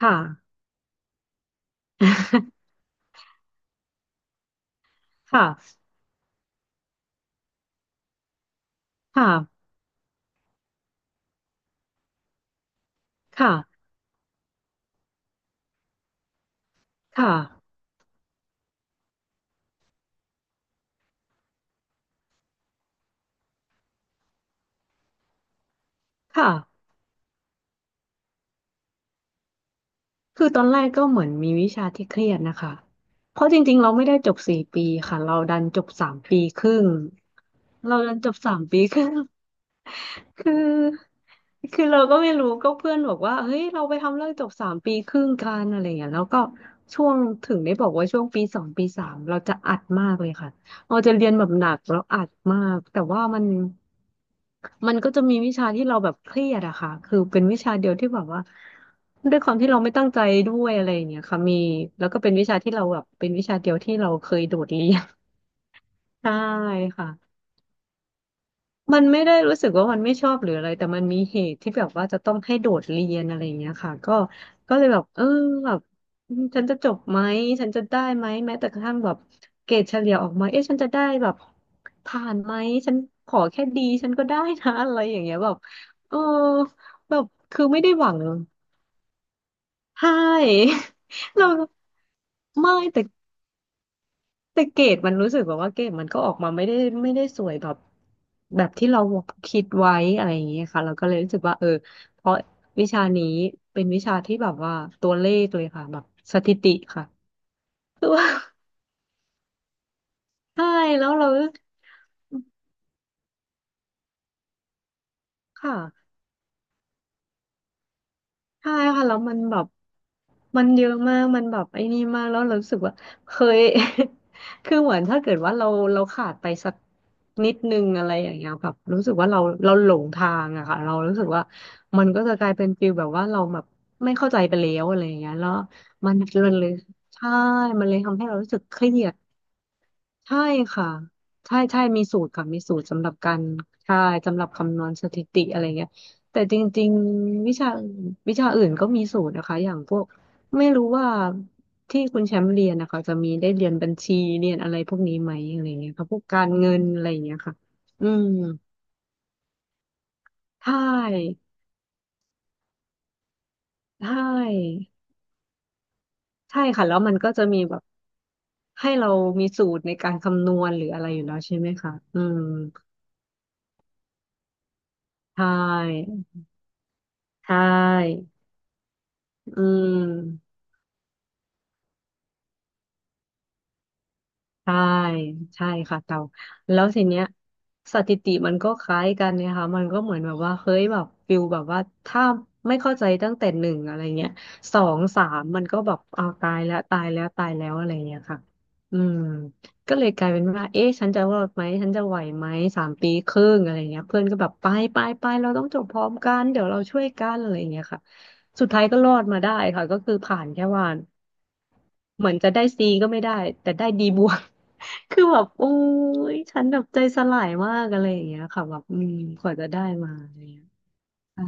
ค่ะ ค่ะ ค่ะ ค่ะ ค่ะ ค่ะ คือตอนแรกก็เหมือนมีวิชาที่เครียดนะคะ เพราะจริงๆเราไม่ได้จบสี่ปีค่ะ เราดันจบสามปีครึ่ง เราดันจบสามปีครึ่ง คือคือเราก็ไม่รู้ก็เพื่อนบอกว่าเฮ้ยเราไปทำเรื่องจบสามปีครึ่งกันอะไรอย่างเงี้ยแล้วก็ช่วงถึงได้บอกว่าช่วงปีสองปีสามเราจะอัดมากเลยค่ะเราจะเรียนแบบหนักเราอัดมากแต่ว่ามันก็จะมีวิชาที่เราแบบเครียดอะค่ะคือเป็นวิชาเดียวที่แบบว่าด้วยความที่เราไม่ตั้งใจด้วยอะไรอย่างเงี้ยค่ะมีแล้วก็เป็นวิชาที่เราแบบเป็นวิชาเดียวที่เราเคยโดดเรียน ใช่ค่ะ มันไม่ได้รู้สึกว่ามันไม่ชอบหรืออะไรแต่มันมีเหตุที่แบบว่าจะต้องให้โดดเรียนอะไรอย่างเงี้ยค่ะก็ก็เลยแบบเออแบบอืมฉันจะจบไหมฉันจะได้ไหมแม้แต่กระทั่งแบบเกรดเฉลี่ยออกมาเอ๊ะฉันจะได้แบบผ่านไหมฉันขอแค่ดีฉันก็ได้นะอะไรอย่างเงี้ยแบบเออแบบคือไม่ได้หวังใช่ เราไม่แต่ แต่เกรดมันรู้สึกแบบว่าเกรดมันก็ออกมาไม่ได้สวยแบบแบบที่เราคิดไว้อะไรอย่างเงี้ยค่ะเราก็เลยรู้สึกว่าเออเพราะวิชานี้เป็นวิชาที่แบบว่าตัวเลขเลยค่ะแบบสถิติค่ะ คือว่า ใช่แล้วเราค่ะ ใช่ค่ะแล้วมันแบบมันเยอะมากมันแบบไอ้นี่มากแล้วเรารู้สึกว่าเคย คือเหมือนถ้าเกิดว่าเราขาดไปสักนิดนึงอะไรอย่างเงี้ยแบบรู้สึกว่าเราหลงทางอะค่ะเรารู้สึกว่ามันก็จะกลายเป็นฟีลแบบว่าเราแบบไม่เข้าใจไปแล้วอะไรอย่างเงี้ยแล้วมันเลยใช่มันเลยทำให้เรารู้สึกเครียด ใช่ค่ะใช่มีสูตรค่ะมีสูตรสำหรับการใช่สำหรับคำนวณสถิติอะไรเงี้ยแต่จริงๆวิชาอื่นก็มีสูตรนะคะอย่างพวกไม่รู้ว่าที่คุณแชมป์เรียนนะคะจะมีได้เรียนบัญชีเรียนอะไรพวกนี้ไหมอะไรเงี้ยค่ะพวกการเงินอะไรเงี้ยค่ะอืมใช่ใช่ใช่ค่ะแล้วมันก็จะมีแบบให้เรามีสูตรในการคำนวณหรืออะไรอยู่แล้วใช่ไหมคะอืมใช่ใช่อืม ใช่ใช่ค่ะเตาแล้วทีเนี้ยสถิติมันก็คล้ายกันเนี่ยค่ะมันก็เหมือนแบบว่าเฮ้ยแบบฟิลแบบว่าถ้าไม่เข้าใจตั้งแต่หนึ่งอะไรเงี้ยสองสามมันก็แบบเอาตายแล้วตายแล้วตายแล้วอะไรเงี้ยค่ะอืมก็เลยกลายเป็นว่าเอ๊ะฉันจะรอดไหมฉันจะไหวไหมสามปีครึ่งอะไรเงี้ยเพื่อนก็แบบไปไปไปเราต้องจบพร้อมกันเดี๋ยวเราช่วยกันอะไรเงี้ยค่ะสุดท้ายก็รอดมาได้ค่ะก็คือผ่านแค่วัน เหมือนจะได้ C ก็ไม่ได้แต่ได้ D บวก คือแบบโอ้ยฉันแบบใจสลายมากอะไรอย่างเงี้ยค่ะแบบอืมกว่าจะได้มาอะไรเงี้ยอ่า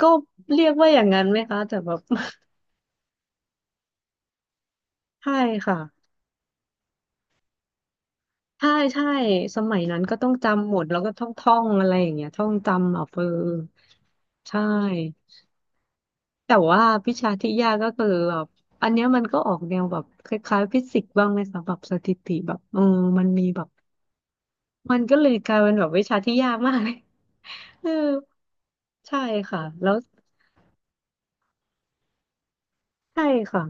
ก็เรียกว่าอย่างนั้นไหมคะแต่แบบ ใช่ค่ะใช่ใช่สมัยนั้นก็ต้องจำหมดแล้วก็ท่องท่องอะไรอย่างเงี้ยท่องจำเอาเออใช่แต่ว่าวิชาที่ยากก็คือแบบอันเนี้ยมันก็ออกแนวแบบคล้ายๆฟิสิกส์บ้างไหมคะแบบสถิติแบบเออมันมีแบบ มันก็เลยกลายเป็นแบบวิชาที่ยากมากเลย เออใช่ค่ะแล้วใช่ค่ะ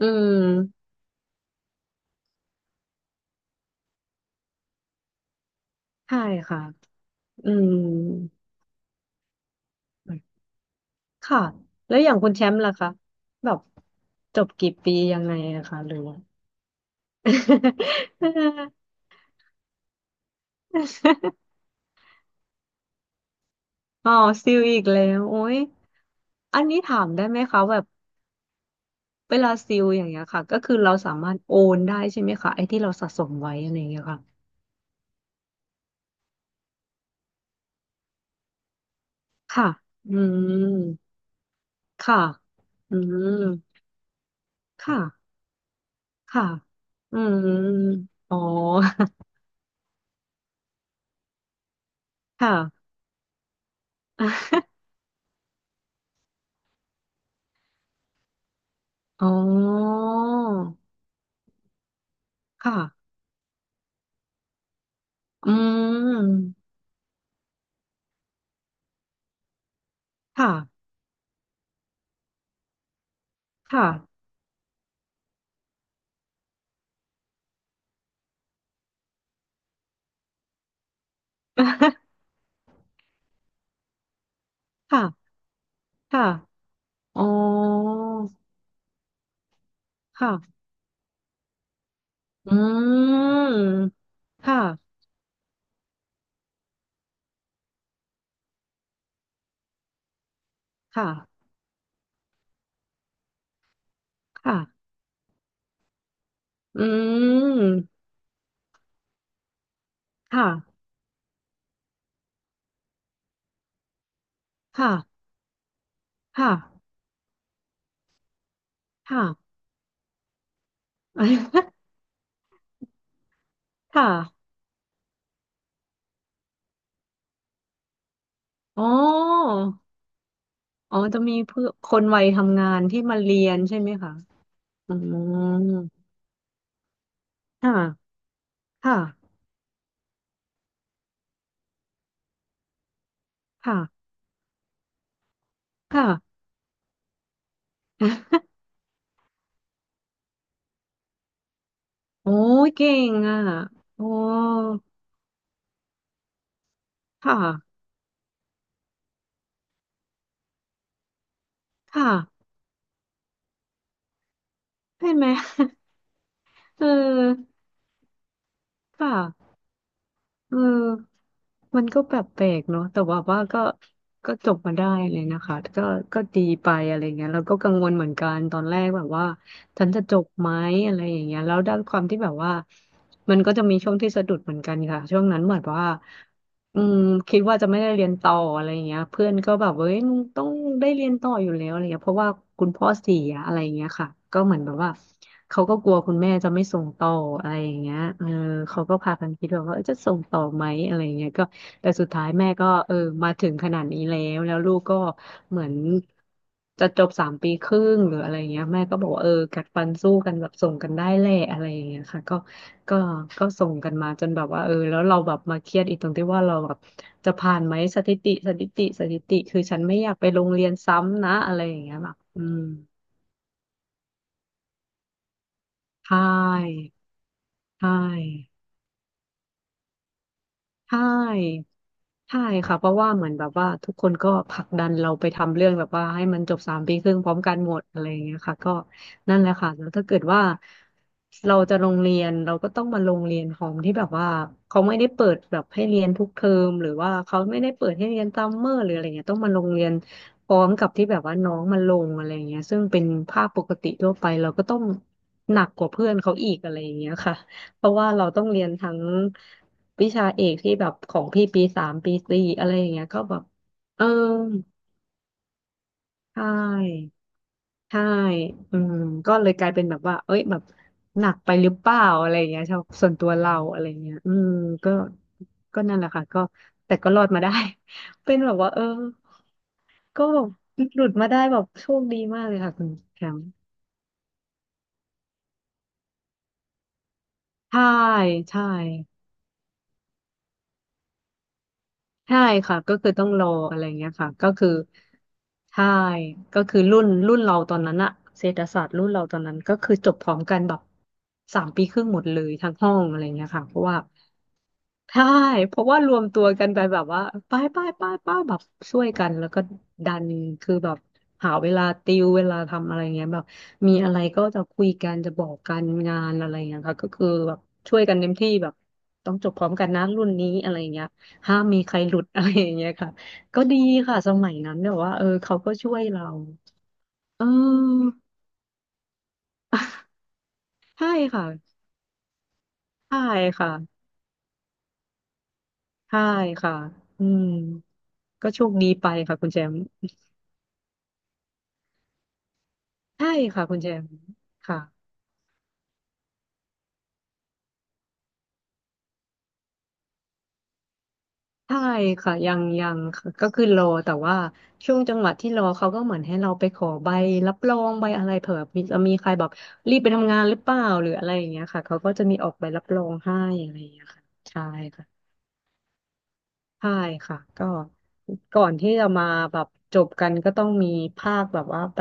อืมใช่ค่ะอืมค่ะแล้วอย่างคุณแชมป์ล่ะคะแบบจบกี่ปียังไงอะคะหรือว่า อ๋อซิลอีกแล้วโอ้ยอันนี้ถามได้ไหมคะแบบเวลาซิลอย่างเงี้ยค่ะก็คือเราสามารถโอนได้ใช่ไหมคะไอ้ที่เราสะสมไว้อะไรอย่างเงี้ยค่ะค่ะอืม ค่ะอืมค่ะค่ะอืมอ๋อค่ะ อ๋อค่ะอืมค่ะค่ะ ค่ะค่ะอ๋อค่ะอืมค่ะค่ะค่ะอืมค่ะค่ะค่ะค่ะ ค่ะอ๋ออ๋อจะมีเพื่อคนวัยทำงานที่มาเรียนใช่ไหมคะ อืมค่ะค่ะค่ะค่ะ โอ้ยเก่งอ่ะโอ้ค่ะค่ะเป็นไหม เออค่ะเออมันก็แบบแปลกเนาะแต่ว่าว่าก็ก็จบมาได้เลยนะคะก็ก็ดีไปอะไรเงี้ยเราก็กังวลเหมือนกันตอนแรกแบบว่าฉันจะจบไหมอะไรอย่างเงี้ยแล้วด้านความที่แบบว่ามันก็จะมีช่วงที่สะดุดเหมือนกันค่ะช่วงนั้นเหมือนว่า อืมคิดว่าจะไม่ได้เรียนต่ออะไรอย่างเงี้ยเพื่อนก็แบบเอ้ยมึงต้องได้เรียนต่ออยู่แล้วอะไรเงี้ยเพราะว่าคุณพ่อเสียอะไรอย่างเงี้ยค่ะก็เหมือนแบบว่าเขาก็กลัวคุณแม่จะไม่ส่งต่ออะไรอย่างเงี้ยเออเขาก็พากันคิดแบบว่าเอ้ยจะส่งต่อไหมอะไรอย่างเงี้ยก็แต่สุดท้ายแม่ก็เออมาถึงขนาดนี้แล้วแล้วลูกก็เหมือนจะจบสามปีครึ่งหรืออะไรเงี้ยแม่ก็บอกว่าเออกัดฟันสู้กันแบบส่งกันได้แลอะไรเงี้ยค่ะก็ ก็ก็ส่งกันมาจนแบบว่าเออแล้วเราแบบมาเครียดอีกตรงที่ว่าเราแบบจะผ่านไหมสถิติคือฉันไม่อยากไปโรงเรียนซ้ำนะอะไรอย่างเงี้ยแบบอืมใช่ใช่ใช่ ใช่ค่ะเพราะว่าเหมือนแบบว่าทุกคนก็ผลักดันเราไปทำเรื่องแบบว่าให้มันจบสามปีครึ่งพร้อมกันหมดอะไรอย่างเงี้ยค่ะก็นั่นแหละค่ะแล้วถ้าเกิดว่าเราจะลงเรียนเราก็ต้องมาลงเรียนของที่แบบว่าเขาไม่ได้เปิดแบบให้เรียนทุกเทอมหรือว่าเขาไม่ได้เปิดให้เรียนซัมเมอร์หรืออะไรเงี้ยต้องมาลงเรียนพร้อมกับที่แบบว่าน้องมาลงอะไรเงี้ยซึ่งเป็นภาพปกติทั่วไปเราก็ต้องหนักกว่าเพื่อนเขาอีกอะไรอย่างเงี้ยค่ะเพราะว่าเราต้องเรียนทั้ง วิชาเอกที่แบบของพี่ปีสามปีสี่อะไรอย่างเงี้ยก็แบบเออใช่ใช่อืมก็เลยกลายเป็นแบบว่าเอ้ยแบบหนักไปหรือเปล่าอะไรอย่างเงี้ยชอบส่วนตัวเราอะไรเงี้ยอืมก็ก็นั่นแหละค่ะก็แต่ก็รอดมาได้ เป็นแบบว่าเออก็แบบหลุดมาได้แบบโชคดีมากเลยค่ะคุณแชมป์ใช่ใช่ ใช่ค่ะก็คือต้องรออะไรเงี้ยค่ะก็คือใช่ก็คือรุ่นเราตอนนั้นอะเศรษฐศาสตร์รุ่นเราตอนนั้นก็คือจบพร้อมกันแบบสามปีครึ่งหมดเลยทั้งห้องอะไรเงี้ยค่ะเพราะว่า ใช่เพราะว่ารวมตัวกันไปแบบว่าไปแบบช่วยกันแล้วก็ดันคือแบบหาเวลาติวเวลาทำอะไรเงี้ยแบบมีอะไรก็จะคุยกันจะบอกกันงานอะไรเงี้ยค่ะก็คือแบบช่วยกันเต็มที่แบบต้องจบพร้อมกันนะรุ่นนี้อะไรเงี้ยห้ามมีใครหลุดอะไรอย่างเงี้ยค่ะก็ดีค่ะสมัยนั้นแบบว่าเออเขาก็ช่วยเราเออ ใช่ค่ะใช่ค่ะใช่ค่ะอืมก็โชคดีไปค่ะคุณแชมป์ ใช่ค่ะคุณแจมค่ะใช่ค่ะยังยังค่ะก็คือรอแต่ว่าช่วงจังหวะที่รอเขาก็เหมือนให้เราไปขอใบรับรองใบอะไรเผื่อมีจะมีใครแบบรีบไปทำงานหรือเปล่าหรืออะไรอย่างเงี้ยค่ะเขาก็จะมีออกใบรับรองให้อะไรอย่างเงี้ยค่ะใช่ค่ะใช่ค่ะก็ก่อนที่จะมาแบบจบกันก็ต้องมีภาคแบบว่าไป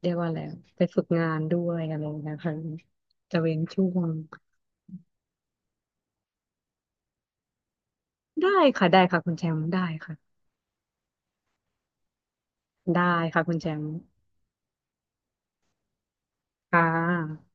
เรียกว่าอะไรไปฝึกงานด้วยอะไรอยเงี้ยคะจะเว้นช่วงได้ค่ะได้ค่ะคุณแชมป์ได้ค่ะได้ค่ะคุณแชมป์ ค่ะ